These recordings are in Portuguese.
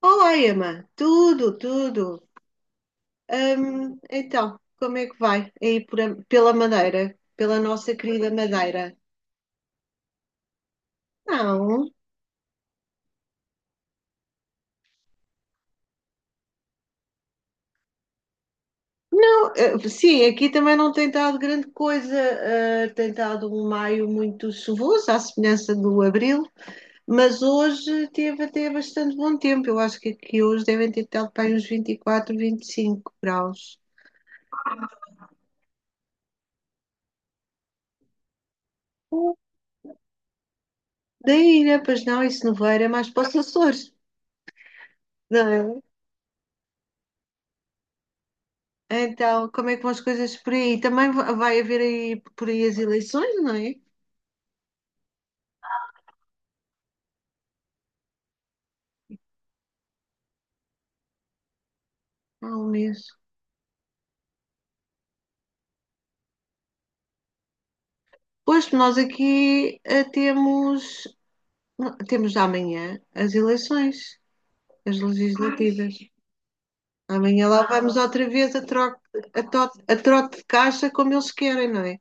Olá, Emma. Tudo, tudo. Então, como é que vai aí pela Madeira, pela nossa querida Madeira? Não, não. Sim, aqui também não tem estado grande coisa. Tem estado um maio muito chuvoso, à semelhança do abril, mas hoje teve até bastante bom tempo. Eu acho que aqui hoje devem ter estado para aí uns vinte e 25 graus. Daí, né? Pois não, isso não vai, é mais para os Açores. Não é? Então, como é que vão as coisas por aí? Também vai haver aí por aí as eleições, não é? Há um mês. Pois nós aqui temos, não, temos amanhã as eleições, as legislativas. Amanhã lá vamos outra vez a trote de caixa como eles querem, não é?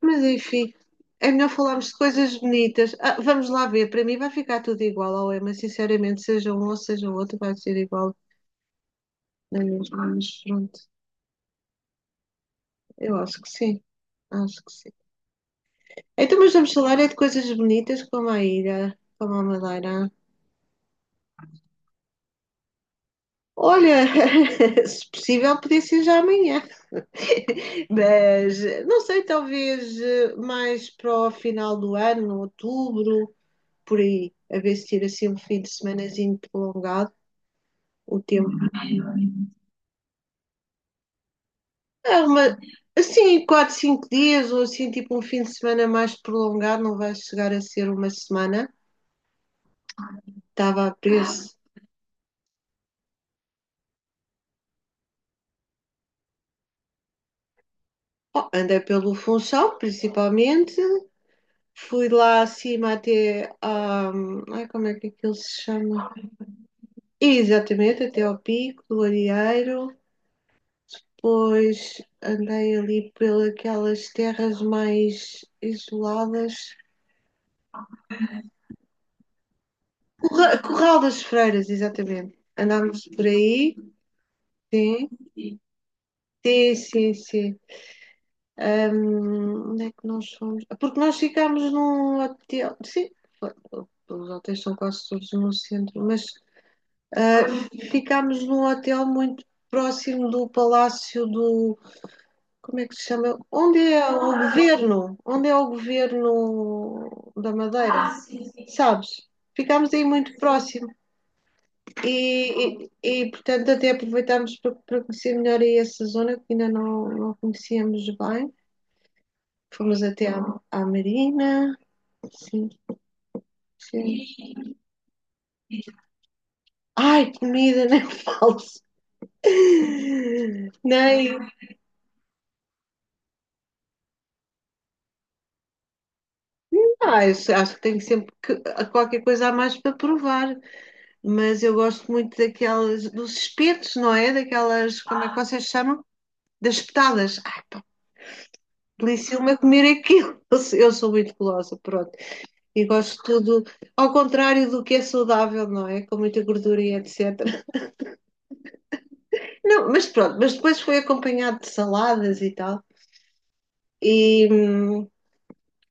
Mas enfim, é melhor falarmos de coisas bonitas. Ah, vamos lá ver, para mim vai ficar tudo igual ao EMA, sinceramente, seja um ou seja o outro, vai ser igual na mesma, mas pronto. Eu acho que sim, acho que sim. Então, mas vamos falar é de coisas bonitas como a ilha, como a Madeira. Olha, se possível, podia ser já amanhã, mas não sei, talvez mais para o final do ano, outubro, por aí, a ver se tira assim um fim de semanazinho prolongado, o tempo. É uma, assim, quatro, cinco dias, ou assim, tipo um fim de semana mais prolongado, não vai chegar a ser uma semana. Estava a preço. Oh, andei pelo Funchal, principalmente. Fui lá acima até. Ai, como é que aquilo se chama? Exatamente, até ao Pico do Arieiro. Depois andei ali pelas terras mais isoladas. Corral das Freiras, exatamente. Andámos por aí. Sim, sim, sim, sim. Onde é que nós fomos? Ah, porque nós ficámos num hotel. Sim, foi- os hotéis são quase todos no centro, mas Uh, ficámos num hotel muito próximo do Palácio do. Como é que se chama? Onde é o governo? Onde é o governo da Madeira? Ah, sim, sim. Sabes? Ficámos aí muito próximo e, portanto, até aproveitámos para, conhecer melhor aí essa zona que ainda não conhecíamos bem. Fomos até à Marina. Sim, sim. Ai, comida, nem falo. Nem. Ah, eu acho que tenho sempre que, a qualquer coisa a mais para provar, mas eu gosto muito daquelas, dos espetos, não é? Daquelas, como é que vocês chamam? Das espetadas. Ai, pá, delicia-me a comer aquilo. Eu sou muito gulosa, pronto. E gosto de tudo, ao contrário do que é saudável, não é? Com muita gordura e etc. Não, mas pronto, mas depois foi acompanhado de saladas e tal. E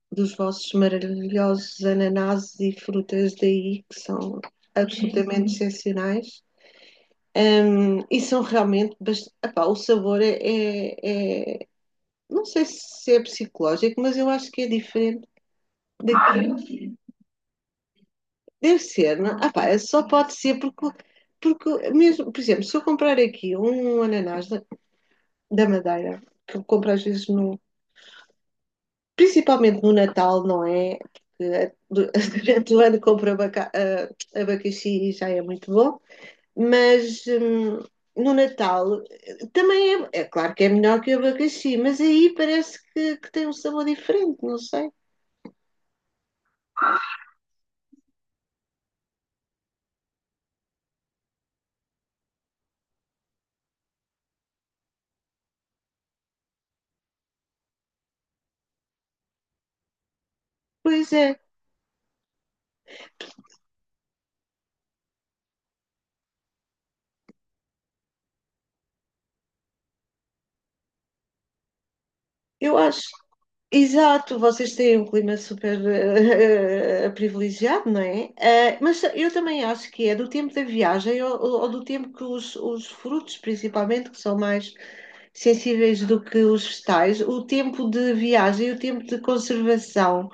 dos vossos maravilhosos ananases e frutas daí, que são absolutamente excepcionais. E são realmente. Epá, o sabor é. Não sei se é psicológico, mas eu acho que é diferente daquilo. Deve ser, não? é? Epá, só pode ser porque, mesmo, por exemplo, se eu comprar aqui um ananás da Madeira, que eu compro às vezes no. Principalmente no Natal, não é? Porque durante o ano compro abacaxi e já é muito bom. Mas no Natal também é claro que é melhor que o abacaxi, mas aí parece que tem um sabor diferente, não sei. Pois é, eu acho. Exato, vocês têm um clima super privilegiado, não é? Mas eu também acho que é do tempo da viagem ou do tempo que os frutos, principalmente, que são mais sensíveis do que os vegetais, o tempo de viagem e o tempo de conservação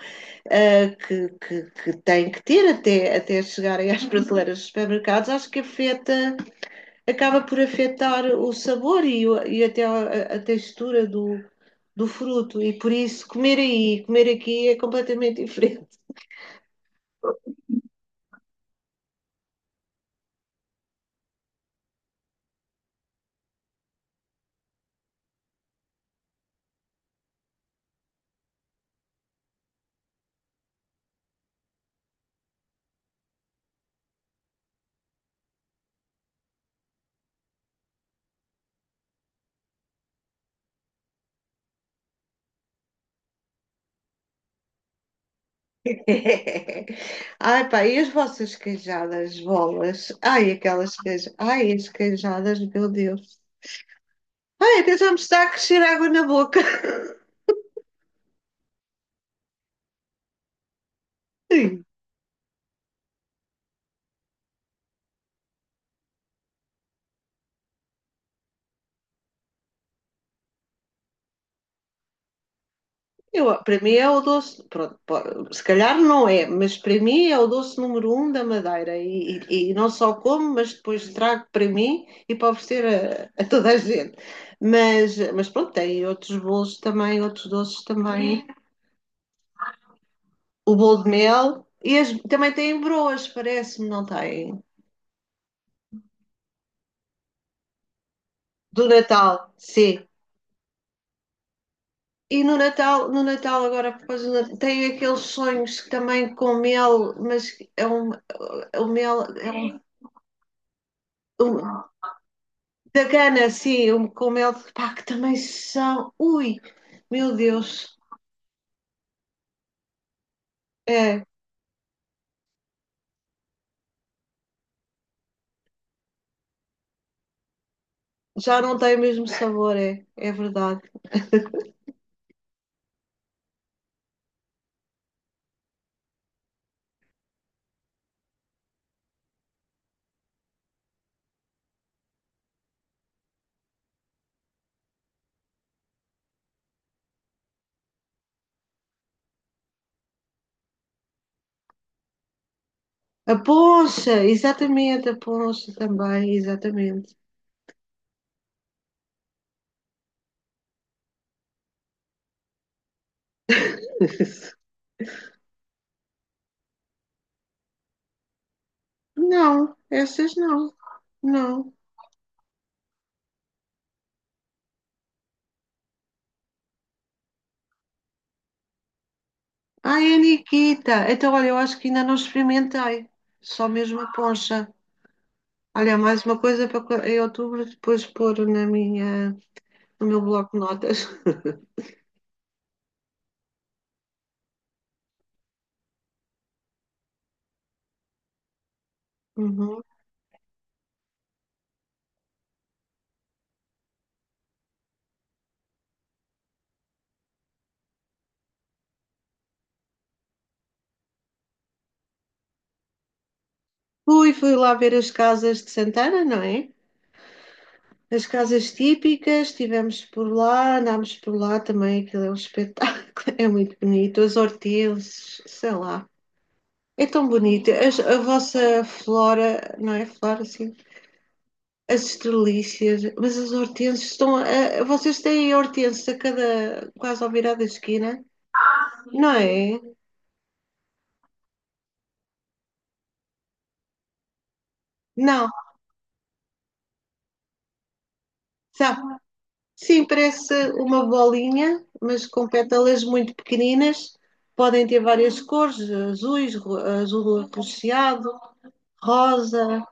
que tem que ter até chegarem às prateleiras dos supermercados, acho que afeta, acaba por afetar o sabor e até a textura do fruto. E por isso, comer aí, e comer aqui é completamente diferente. Ai, pá, e as vossas queijadas, bolas? Ai, aquelas queijadas. Ai, as queijadas, meu Deus. Ai, até já me está a crescer água na boca. Eu, para mim é o doce, pronto, se calhar não é, mas para mim é o doce número um da Madeira e, e não só como, mas depois trago para mim e para oferecer a toda a gente. Mas pronto, tem outros bolos também, outros doces também. O bolo de mel e também tem broas, parece-me, não tem? Do Natal, sim. E no Natal, agora, por causa do Natal, tem aqueles sonhos que também com mel, mas é um mel, é um. Da Gana, sim, com mel de pá, que também são. Ui, meu Deus. É, já não tem o mesmo sabor, é verdade. A poncha, exatamente, a poncha também, exatamente. Não, essas não, não. Ai, a Nikita. Então, olha, eu acho que ainda não experimentei. Só mesmo a poncha. Olha, é mais uma coisa para em outubro depois pôr no meu bloco de notas. Uhum. Fui lá ver as casas de Santana, não é? As casas típicas, estivemos por lá, andámos por lá também, aquilo é um espetáculo, é muito bonito. As hortênsias, sei lá, é tão bonito. A vossa flora, não é? Flora, sim. As estrelícias, mas as hortênsias estão. Vocês têm hortênsias a cada. Quase ao virar da esquina, não é? Não, sabe? Sim, parece uma bolinha, mas com pétalas muito pequeninas. Podem ter várias cores, azuis, azul arroxeado, rosa,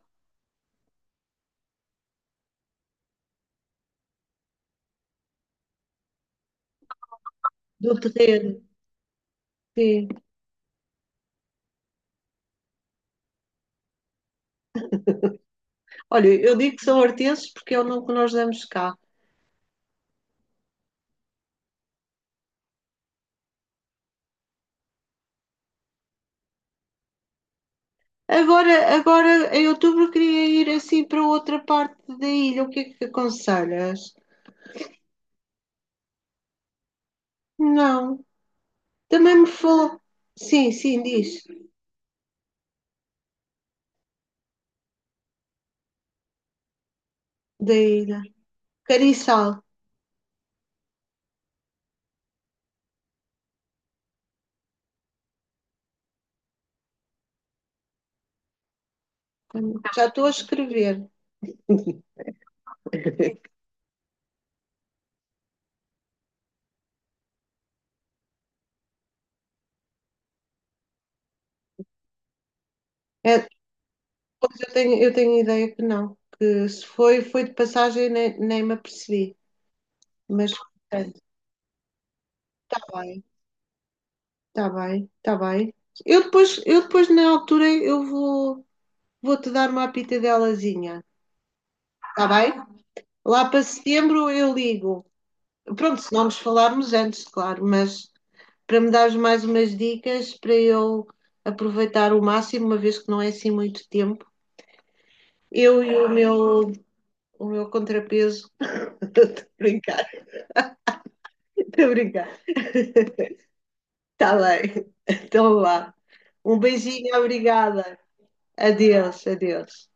do terreiro. Sim. Olha, eu digo que são hortenses porque é o nome que nós damos cá. Agora em outubro queria ir assim para outra parte da ilha. O que é que aconselhas? Não. Também me falou. Sim, sim, diz. Da ilha. Cariçal. Já estou a escrever. É, pois eu tenho, ideia que não, que se foi, foi de passagem, nem me apercebi. Mas, portanto, está bem, está bem, está bem. Eu depois, na altura, vou-te dar uma apitadelazinha, está bem? Lá para setembro eu ligo. Pronto, se não nos falarmos antes, claro, mas para me dares mais umas dicas, para eu aproveitar o máximo, uma vez que não é assim muito tempo, eu e o meu, contrapeso, estou a brincar. Obrigada. Está bem. Então lá. Um beijinho, obrigada. Adeus, adeus.